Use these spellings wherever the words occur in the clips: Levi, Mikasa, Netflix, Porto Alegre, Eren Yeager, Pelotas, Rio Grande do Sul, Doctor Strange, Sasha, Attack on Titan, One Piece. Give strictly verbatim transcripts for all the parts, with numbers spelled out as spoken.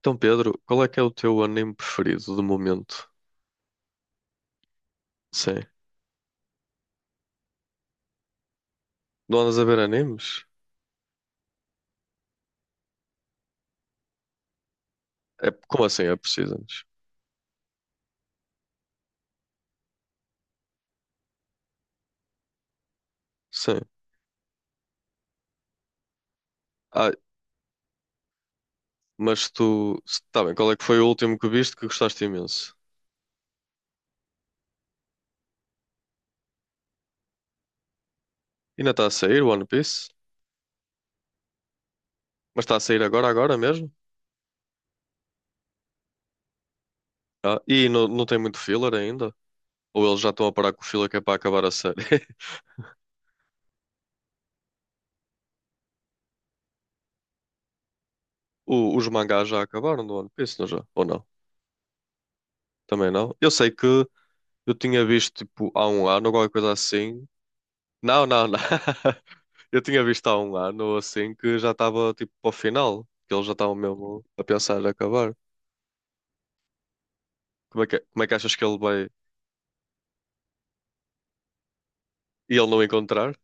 Então, Pedro, qual é que é o teu anime preferido do momento? Sim. Não andas a ver animes? É, como assim é preciso? Antes. Sim. Ah, mas tu. Tá bem, qual é que foi o último que viste que gostaste imenso? Ainda está a sair One Piece? Mas está a sair agora, agora mesmo? Ah, e não, não tem muito filler ainda? Ou eles já estão a parar com o filler que é para acabar a série? O- os mangás já acabaram do One Piece, não já? Ou não? Também não? Eu sei que eu tinha visto tipo há um ano, ou qualquer coisa assim. Não, não, não. Eu tinha visto há um ano ou assim que já estava tipo para o final, que eles já estavam mesmo a pensar em acabar. Como é que, é, como é que achas que ele vai e ele não encontrar?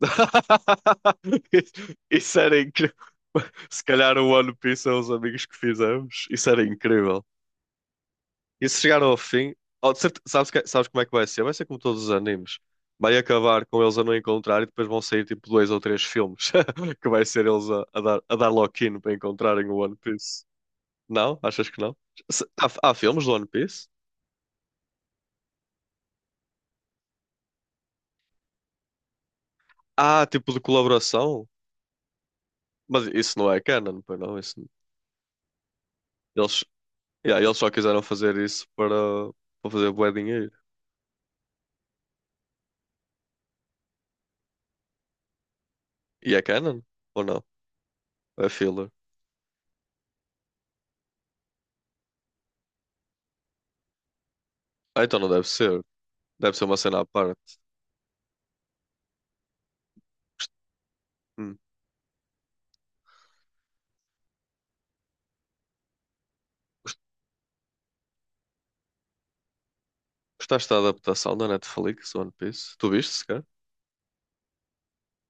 Isso isso era incrível. Se calhar o One Piece é os amigos que fizemos. Isso era incrível. E se chegar ao fim, oh, de certe- sabes, que- sabes como é que vai ser? Vai ser como todos os animes. Vai acabar com eles a não encontrar e depois vão sair tipo dois ou três filmes que vai ser eles a, a dar, a dar lock-in para encontrarem o One Piece. Não? Achas que não? Se- Há, há filmes do One Piece? Há tipo de colaboração? Mas isso não é canon, pois não? Isso, eles, yeah, eles só quiseram fazer isso para, para fazer bué dinheiro. E é canon? Ou não? É filler? Ah, então não deve ser. Deve ser uma cena à parte. Hum. Gostaste da adaptação da Netflix, One Piece? Tu viste, cara?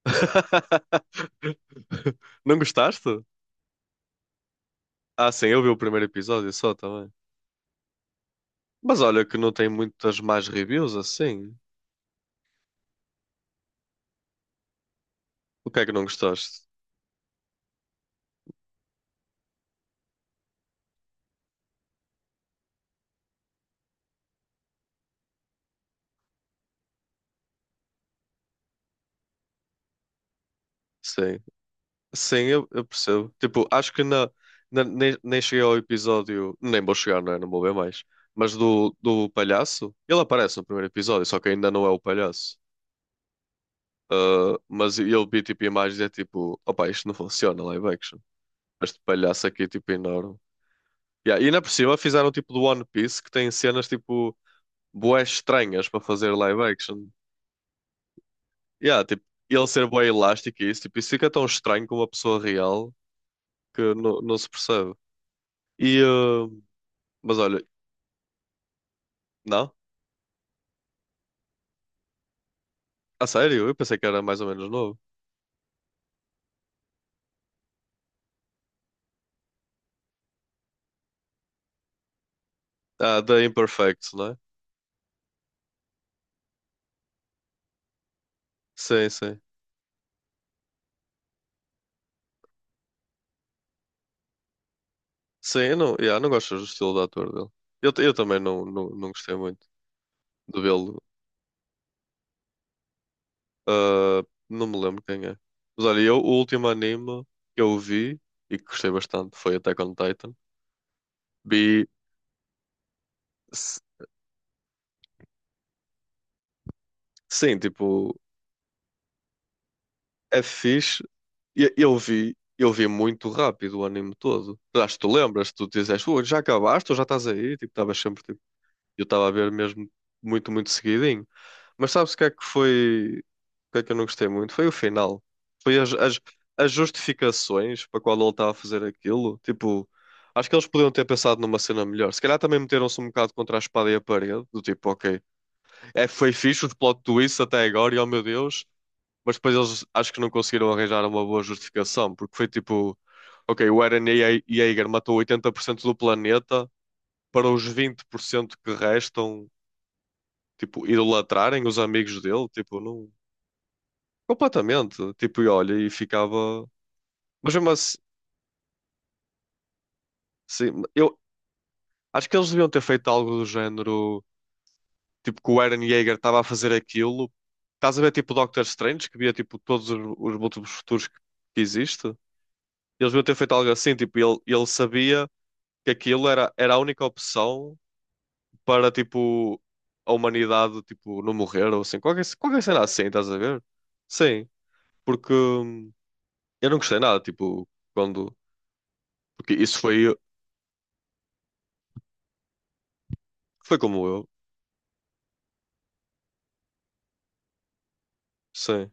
Não gostaste? Ah, sim, eu vi o primeiro episódio só também. Mas olha que não tem muitas mais reviews assim. O que é que não gostaste? Sim. Sim, eu, eu percebo. Tipo, acho que na, na- nem, nem cheguei ao episódio. Nem vou chegar, não é? Não vou ver mais. Mas do, do palhaço. Ele aparece no primeiro episódio, só que ainda não é o palhaço. Ah, mas eu vi tipo imagens e é tipo, opa, isto não funciona, live action. Este palhaço aqui é tipo enorme. Yeah, e ainda por cima fizeram tipo do One Piece que tem cenas tipo bué estranhas para fazer live action. Yeah, tipo, ele ser bué elástico e isso, tipo, isso fica tão estranho com uma pessoa real que não, não se percebe. E, ah, mas olha, não? A sério? Eu pensei que era mais ou menos novo. Ah, da Imperfect, não é? Sim, sim. Sim, eu não, yeah, não gosto do estilo de ator dele. Eu, eu também não, não, não gostei muito de vê-lo. Ah, não me lembro quem é. Mas olha, eu, o último anime que eu vi e que gostei bastante foi Attack on Titan. Vi, s- sim, tipo, é fixe. E- Eu, vi, eu vi muito rápido o anime todo. Acho que tu lembras, tu dizes: "Ui, já acabaste ou já estás aí?" Tipo, estavas sempre. Eu estava a ver mesmo muito, muito seguidinho. Mas sabes o que é que foi? O que é que eu não gostei muito? Foi o final. Foi as, as, as justificações para qual ele estava a fazer aquilo. Tipo, acho que eles podiam ter pensado numa cena melhor. Se calhar também meteram-se um bocado contra a espada e a parede. Do tipo, ok, é, foi fixe o plot twist até agora e oh meu Deus. Mas depois eles acho que não conseguiram arranjar uma boa justificação. Porque foi tipo, ok, o Eren Ye- Yeager matou oitenta por cento do planeta para os vinte por cento que restam tipo, idolatrarem os amigos dele, tipo, não, completamente, tipo, e olha, e ficava, mas mesmo assim, sim, eu acho que eles deviam ter feito algo do género, tipo, que o Eren Yeager estava a fazer aquilo, estás a ver, tipo, Doctor Strange, que via, tipo, todos os, os múltiplos futuros que, que existe, eles deviam ter feito algo assim, tipo, ele, ele sabia que aquilo era, era a única opção para, tipo, a humanidade, tipo, não morrer, ou assim, qualquer, qualquer cena assim, estás a ver? Sim, porque... hum, eu não gostei nada, tipo, quando. Porque isso foi. Foi como eu. Sim.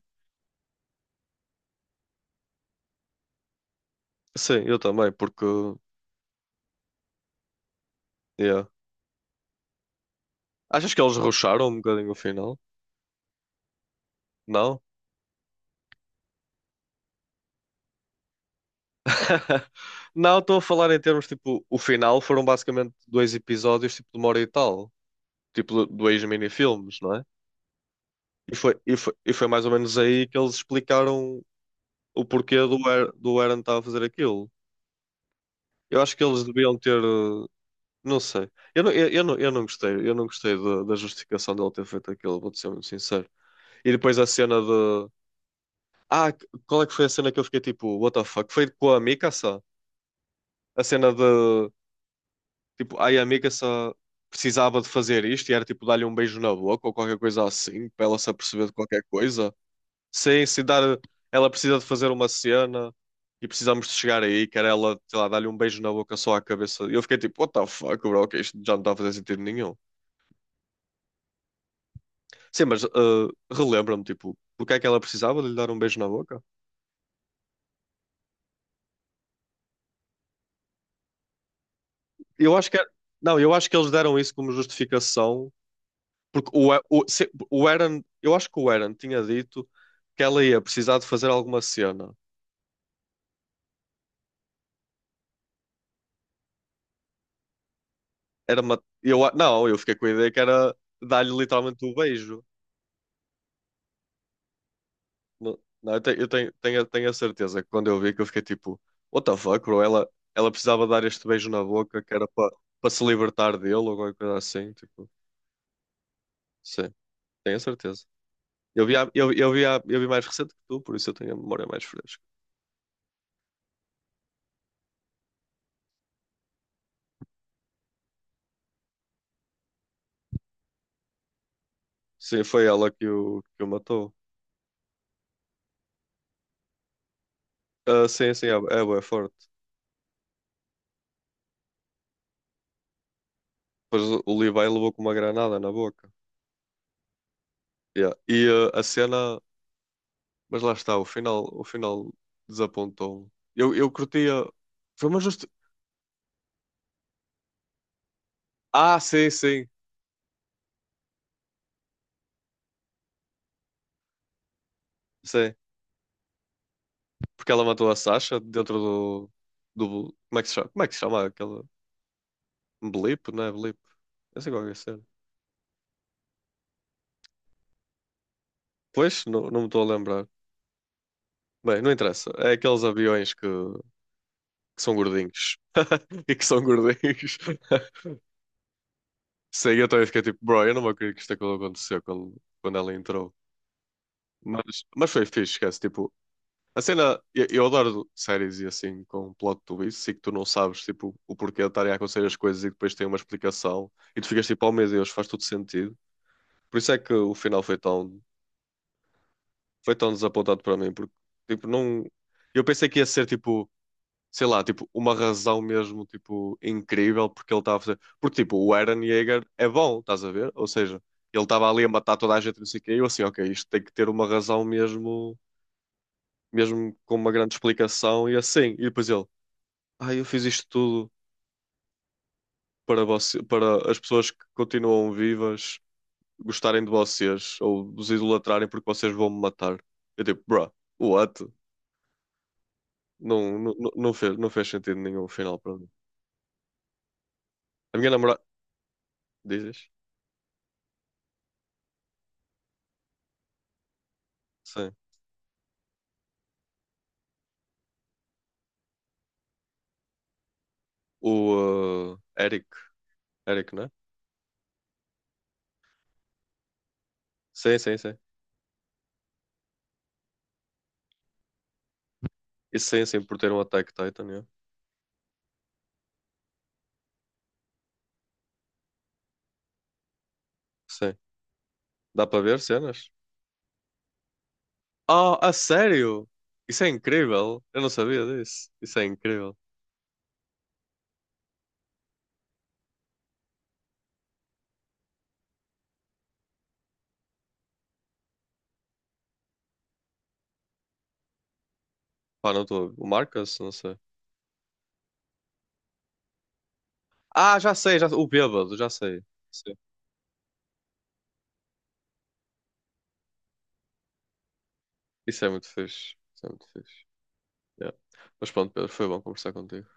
Sim, eu também, porque. Yeah. Achas que eles rusharam um bocadinho o final? Não? Não, estou a falar em termos, tipo, o final foram basicamente dois episódios, tipo, de uma hora e tal. Tipo, dois mini-filmes, não é? E foi, e foi, e foi mais ou menos aí que eles explicaram o porquê do, Aaron- do Aaron estar a fazer aquilo. Eu acho que eles deviam ter. eh, Não sei. Eu não, eu, eu não, eu não gostei. Eu não gostei da, da justificação dele ter feito aquilo, vou-te ser muito sincero. E depois a cena de. Ah, qual é que foi a cena que eu fiquei tipo, what the fuck? Foi com a Mikasa? A cena de. Tipo, ai, a Mikasa precisava de fazer isto e era tipo dar-lhe um beijo na boca ou qualquer coisa assim, para ela se aperceber de qualquer coisa. Sim, se dar. Ela precisa de fazer uma cena e precisamos de chegar aí, que era ela, sei lá, dar-lhe um beijo na boca só à cabeça. E eu fiquei tipo, what the fuck, bro, que isto já não está a fazer sentido nenhum. Sim, mas ah, relembra-me, tipo, porque é que ela precisava de lhe dar um beijo na boca? Eu acho que é- não, eu acho que eles deram isso como justificação, porque o, o, se- o Aaron, eu acho que o Aaron tinha dito que ela ia precisar de fazer alguma cena. Era uma, eu, a- não, eu fiquei com a ideia que era dar-lhe literalmente o beijo. Não, não, eu, tenho, eu tenho, tenho, a- tenho a certeza que quando eu vi que eu fiquei tipo, what the fuck, bro? Ela, ela precisava dar este beijo na boca que era para para se libertar dele ou alguma coisa assim, tipo, sim, tenho a certeza. Eu vi, a- eu, eu vi, a- eu vi mais recente que tu, por isso eu tenho a memória mais fresca. Sim, foi ela que o, que o matou. Ah, sim, sim, é, é, bué forte. Depois o o Levi levou com uma granada na boca. Yeah. E ah, a cena. Mas lá está, o final, o final desapontou-me. Eu, eu curtia. Foi uma justi... Ah, sim, sim, sim. Porque ela matou a Sasha dentro do. Do... Como é que se chama? Como é que se chama aquela. Blip, não é? Blip. Não sei qual é a cena. Pois, não, não me estou a lembrar. Bem, não interessa. É aqueles aviões que, que são gordinhos. E que são gordinhos. Sei, eu também fiquei tipo, bro, eu não me acredito que isto é quando aconteceu quando, quando ela entrou. Mas, mas foi fixe, esquece. Tipo, a cena, eu, eu adoro séries e assim com plot twist e que tu não sabes tipo, o porquê de estarem a acontecer as coisas e depois tem uma explicação e tu ficas tipo, oh meu Deus, faz tudo sentido. Por isso é que o final foi tão, foi tão desapontado para mim, porque tipo, não. Eu pensei que ia ser tipo. Sei lá, tipo, uma razão mesmo, tipo, incrível porque ele estava a fazer. Porque, tipo, o Eren Yeager é bom, estás a ver? Ou seja, ele estava ali a matar toda a gente, não sei o quê, e eu assim, ok, isto tem que ter uma razão mesmo, mesmo com uma grande explicação e assim. E depois ele, ah, eu fiz isto tudo para você, para as pessoas que continuam vivas gostarem de vocês ou vos idolatrarem porque vocês vão me matar. Eu tipo, bruh, what? Não, não, não não fez, não fez sentido nenhum o final para mim. A minha namorada. Dizes? Sim. O uh, Eric. Eric, né? Sim, sim, sim. E sim, sim, por ter um Attack Titan, yeah. Sim. Dá para ver cenas? Ah, a sério? Isso é incrível. Eu não sabia disso. Isso é incrível. Pá, não estou. O Marcus? Não sei. Ah, já sei, já... o bêbado, já sei. Sim. Isso é muito fixe. Isso é muito fixe. Yeah. Mas pronto, Pedro, foi bom conversar contigo.